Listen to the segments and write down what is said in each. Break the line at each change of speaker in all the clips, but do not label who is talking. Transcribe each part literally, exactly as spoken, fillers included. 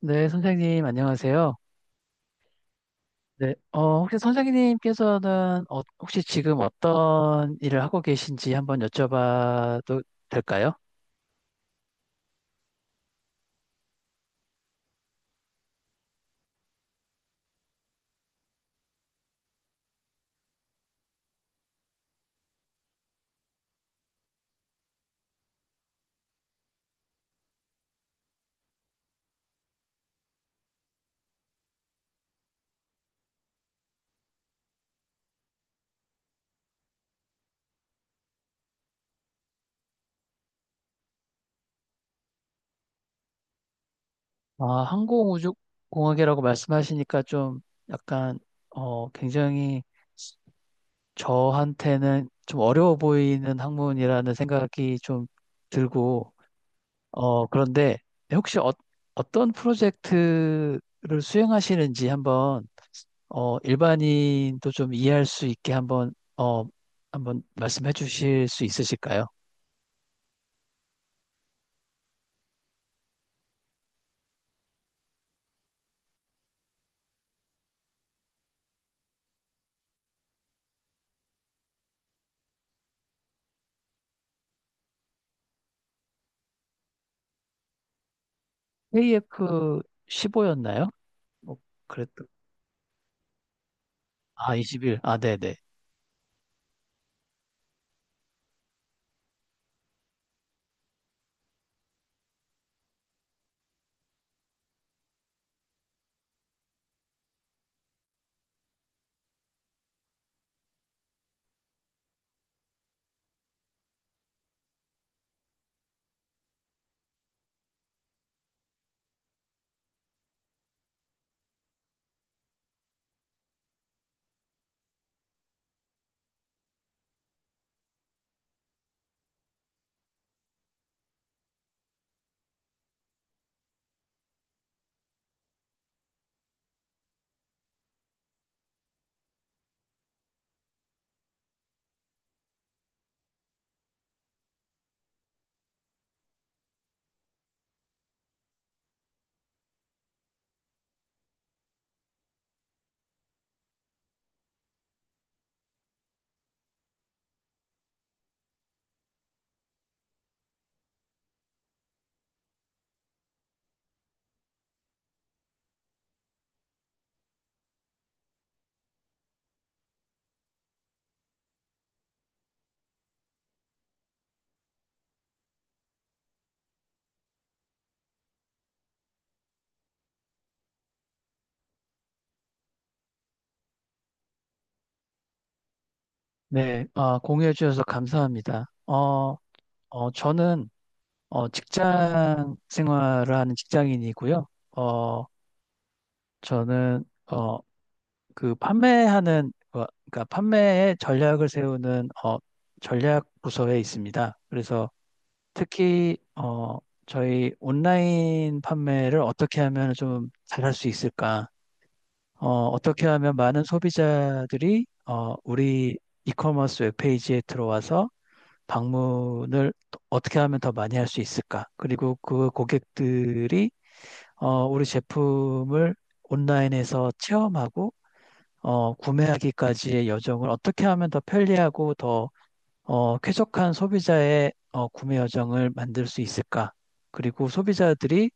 네, 선생님, 안녕하세요. 네, 어, 혹시 선생님께서는 어, 혹시 지금 어떤 일을 하고 계신지 한번 여쭤봐도 될까요? 아, 항공우주공학이라고 말씀하시니까 좀 약간, 어, 굉장히 저한테는 좀 어려워 보이는 학문이라는 생각이 좀 들고, 어, 그런데 혹시 어, 어떤 프로젝트를 수행하시는지 한번 어, 일반인도 좀 이해할 수 있게 한번, 어, 한번 말씀해 주실 수 있으실까요? 케이에프 십오였나요? 뭐, 그랬던, 아, 이십일. 아, 네네. 네, 아, 공유해 주셔서 감사합니다. 어, 어, 저는, 어, 직장 생활을 하는 직장인이고요. 어, 저는, 어, 그 판매하는, 어, 그러니까 판매의 전략을 세우는, 어, 전략 부서에 있습니다. 그래서, 특히 어, 저희 온라인 판매를 어떻게 하면 좀 잘할 수 있을까? 어, 떻게 하면 많은 소비자들이 어, 우리 이커머스 웹페이지에 들어와서 방문을 어떻게 하면 더 많이 할 수 있을까? 그리고 그 고객들이 어, 우리 제품을 온라인에서 체험하고 어, 구매하기까지의 여정을 어떻게 하면 더 편리하고 더 어, 쾌적한 소비자의 어, 구매 여정을 만들 수 있을까? 그리고 소비자들이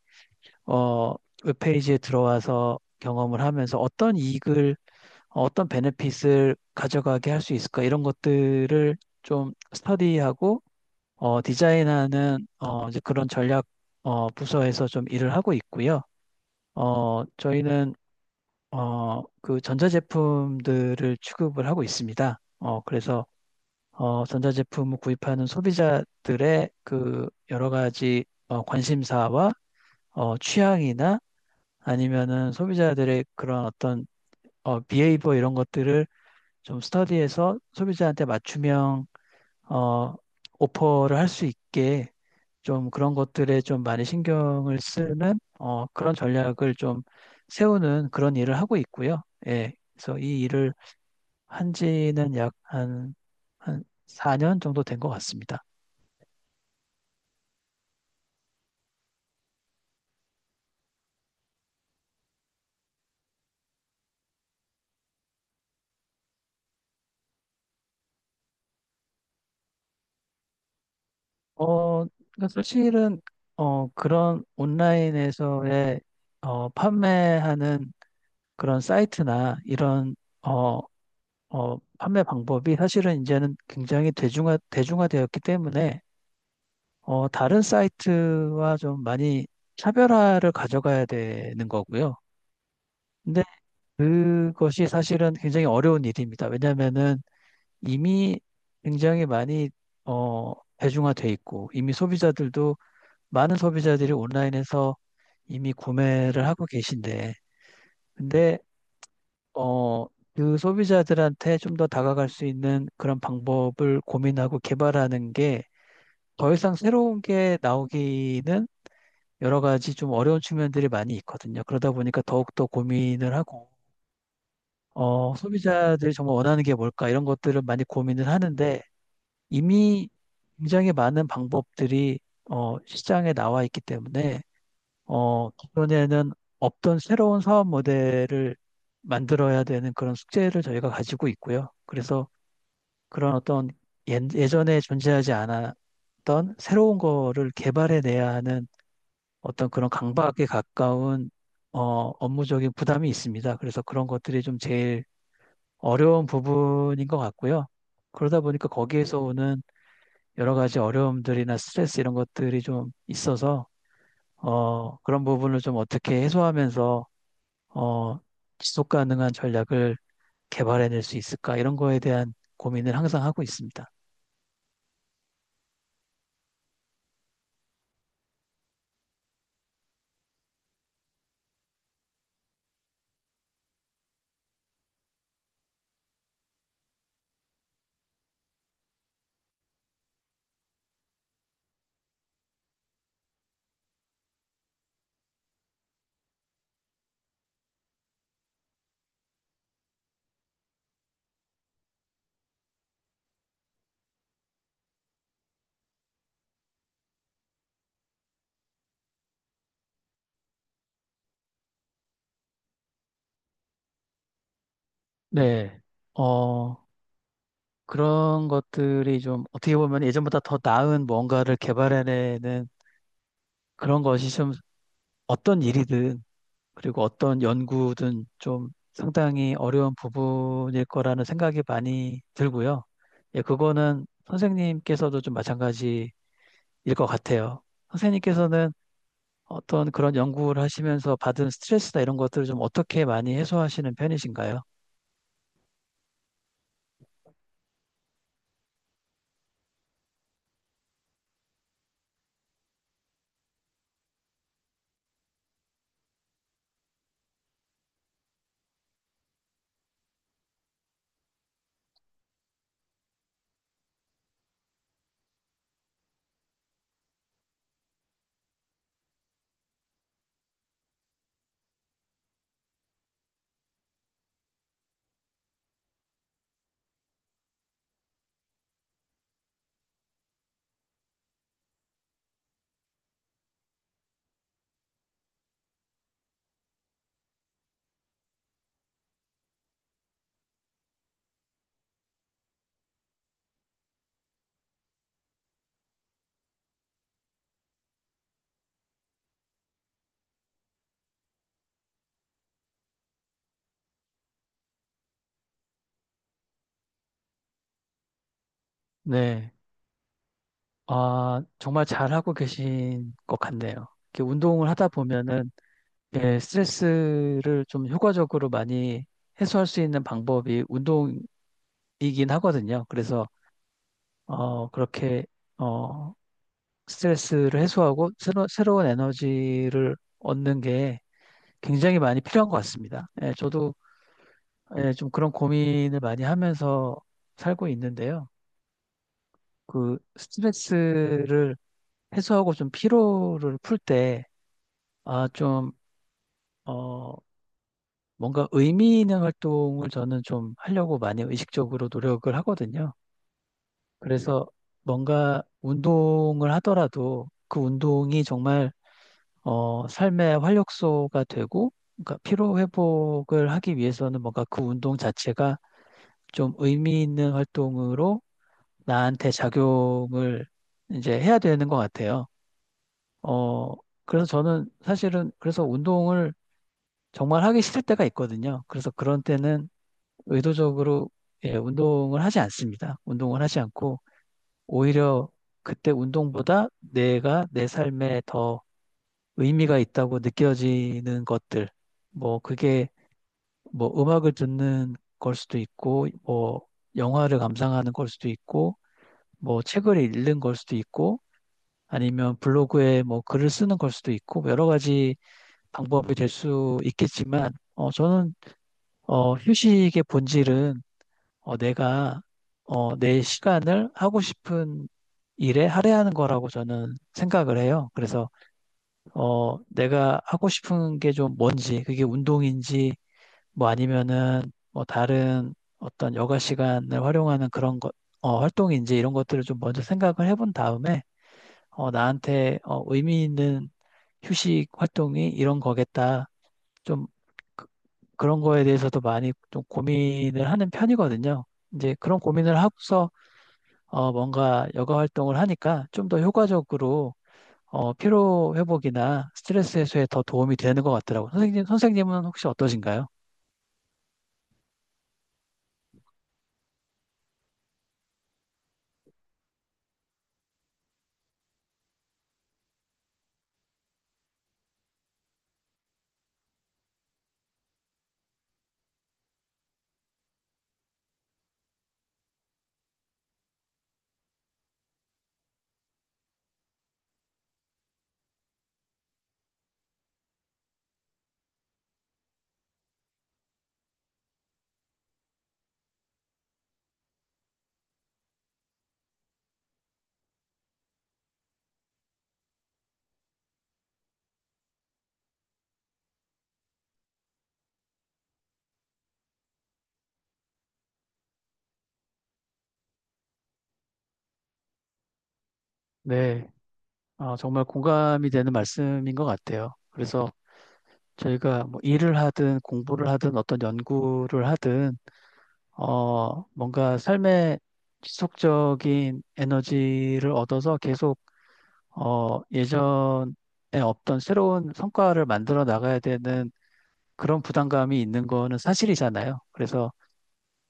어, 웹페이지에 들어와서 경험을 하면서 어떤 이익을, 어, 어떤 베네핏을 가져가게 할 수 있을까? 이런 것들을 좀 스터디하고 어, 디자인하는 어, 이제 그런 전략 어, 부서에서 좀 일을 하고 있고요. 어, 저희는 어, 그 전자제품들을 취급을 하고 있습니다. 어, 그래서 어, 전자제품을 구입하는 소비자들의 그 여러 가지 어, 관심사와 어, 취향이나 아니면은 소비자들의 그런 어떤 어, 비헤이버 이런 것들을 좀 스터디해서 소비자한테 맞춤형 어, 오퍼를 할 수 있게 좀 그런 것들에 좀 많이 신경을 쓰는 어, 그런 전략을 좀 세우는 그런 일을 하고 있고요. 예. 그래서 이 일을 한 지는 약 한, 한 사 년 정도 된 것 같습니다. 어, 그러니까 사실은, 어, 그런 온라인에서의, 어, 판매하는 그런 사이트나 이런, 어, 어, 판매 방법이 사실은 이제는 굉장히 대중화, 대중화되었기 때문에, 어, 다른 사이트와 좀 많이 차별화를 가져가야 되는 거고요. 근데 그것이 사실은 굉장히 어려운 일입니다. 왜냐면은 하 이미 굉장히 많이, 어, 대중화돼 있고, 이미 소비자들도 많은 소비자들이 온라인에서 이미 구매를 하고 계신데, 근데, 어, 그 소비자들한테 좀 더 다가갈 수 있는 그런 방법을 고민하고 개발하는 게 더 이상 새로운 게 나오기는 여러 가지 좀 어려운 측면들이 많이 있거든요. 그러다 보니까 더욱더 고민을 하고, 어, 소비자들이 정말 원하는 게 뭘까 이런 것들을 많이 고민을 하는데 이미 굉장히 많은 방법들이 어, 시장에 나와 있기 때문에 어, 기존에는 없던 새로운 사업 모델을 만들어야 되는 그런 숙제를 저희가 가지고 있고요. 그래서 그런 어떤 예- 예전에 존재하지 않았던 새로운 거를 개발해내야 하는 어떤 그런 강박에 가까운 어, 업무적인 부담이 있습니다. 그래서 그런 것들이 좀 제일 어려운 부분인 것 같고요. 그러다 보니까 거기에서 오는 여러 가지 어려움들이나 스트레스 이런 것들이 좀 있어서 어, 그런 부분을 좀 어떻게 해소하면서 어, 지속 가능한 전략을 개발해낼 수 있을까? 이런 거에 대한 고민을 항상 하고 있습니다. 네. 어, 그런 것들이 좀 어떻게 보면 예전보다 더 나은 뭔가를 개발해내는 그런 것이 좀 어떤 일이든 그리고 어떤 연구든 좀 상당히 어려운 부분일 거라는 생각이 많이 들고요. 예, 그거는 선생님께서도 좀 마찬가지일 것 같아요. 선생님께서는 어떤 그런 연구를 하시면서 받은 스트레스나 이런 것들을 좀 어떻게 많이 해소하시는 편이신가요? 네. 아, 정말 잘하고 계신 것 같네요. 이렇게 운동을 하다 보면은 예, 스트레스를 좀 효과적으로 많이 해소할 수 있는 방법이 운동이긴 하거든요. 그래서 어, 그렇게 어, 스트레스를 해소하고 새로, 새로운 에너지를 얻는 게 굉장히 많이 필요한 것 같습니다. 예, 저도 예, 좀 그런 고민을 많이 하면서 살고 있는데요. 그 스트레스를 해소하고 좀 피로를 풀 때, 아, 좀, 어, 뭔가 의미 있는 활동을 저는 좀 하려고 많이 의식적으로 노력을 하거든요. 그래서 뭔가 운동을 하더라도 그 운동이 정말, 어, 삶의 활력소가 되고, 그러니까 피로 회복을 하기 위해서는 뭔가 그 운동 자체가 좀 의미 있는 활동으로 나한테 작용을 이제 해야 되는 것 같아요. 어, 그래서 저는 사실은 그래서 운동을 정말 하기 싫을 때가 있거든요. 그래서 그런 때는 의도적으로 예, 운동을 하지 않습니다. 운동을 하지 않고 오히려 그때 운동보다 내가 내 삶에 더 의미가 있다고 느껴지는 것들, 뭐 그게 뭐 음악을 듣는 걸 수도 있고, 뭐 영화를 감상하는 걸 수도 있고, 뭐 책을 읽는 걸 수도 있고, 아니면 블로그에 뭐 글을 쓰는 걸 수도 있고 여러 가지 방법이 될 수 있겠지만 어, 저는 어, 휴식의 본질은 어, 내가 어, 내 시간을 하고 싶은 일에 할애하는 거라고 저는 생각을 해요. 그래서 어, 내가 하고 싶은 게 좀 뭔지 그게 운동인지 뭐 아니면은 뭐 다른 어떤 여가 시간을 활용하는 그런 것 어, 활동인지 이런 것들을 좀 먼저 생각을 해본 다음에 어, 나한테 어, 의미 있는 휴식 활동이 이런 거겠다. 좀 그- 그런 거에 대해서도 많이 좀 고민을 하는 편이거든요. 이제 그런 고민을 하고서 어, 뭔가 여가 활동을 하니까 좀 더 효과적으로 어, 피로 회복이나 스트레스 해소에 더 도움이 되는 것 같더라고요. 선생님, 선생님은 혹시 어떠신가요? 네, 어, 정말 공감이 되는 말씀인 것 같아요. 그래서 저희가 뭐 일을 하든 공부를 하든 어떤 연구를 하든 어, 뭔가 삶의 지속적인 에너지를 얻어서 계속 어, 예전에 없던 새로운 성과를 만들어 나가야 되는 그런 부담감이 있는 거는 사실이잖아요. 그래서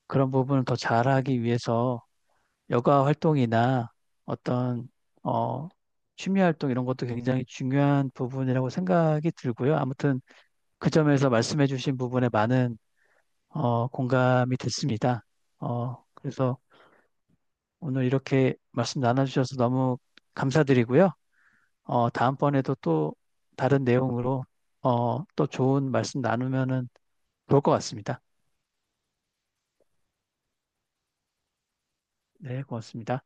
그런 부분을 더 잘하기 위해서 여가 활동이나 어떤 어, 취미 활동 이런 것도 굉장히 중요한 부분이라고 생각이 들고요. 아무튼 그 점에서 말씀해 주신 부분에 많은 어, 공감이 됐습니다. 어, 그래서 오늘 이렇게 말씀 나눠주셔서 너무 감사드리고요. 어, 다음번에도 또 다른 내용으로 어, 또 좋은 말씀 나누면은 좋을 것 같습니다. 네, 고맙습니다.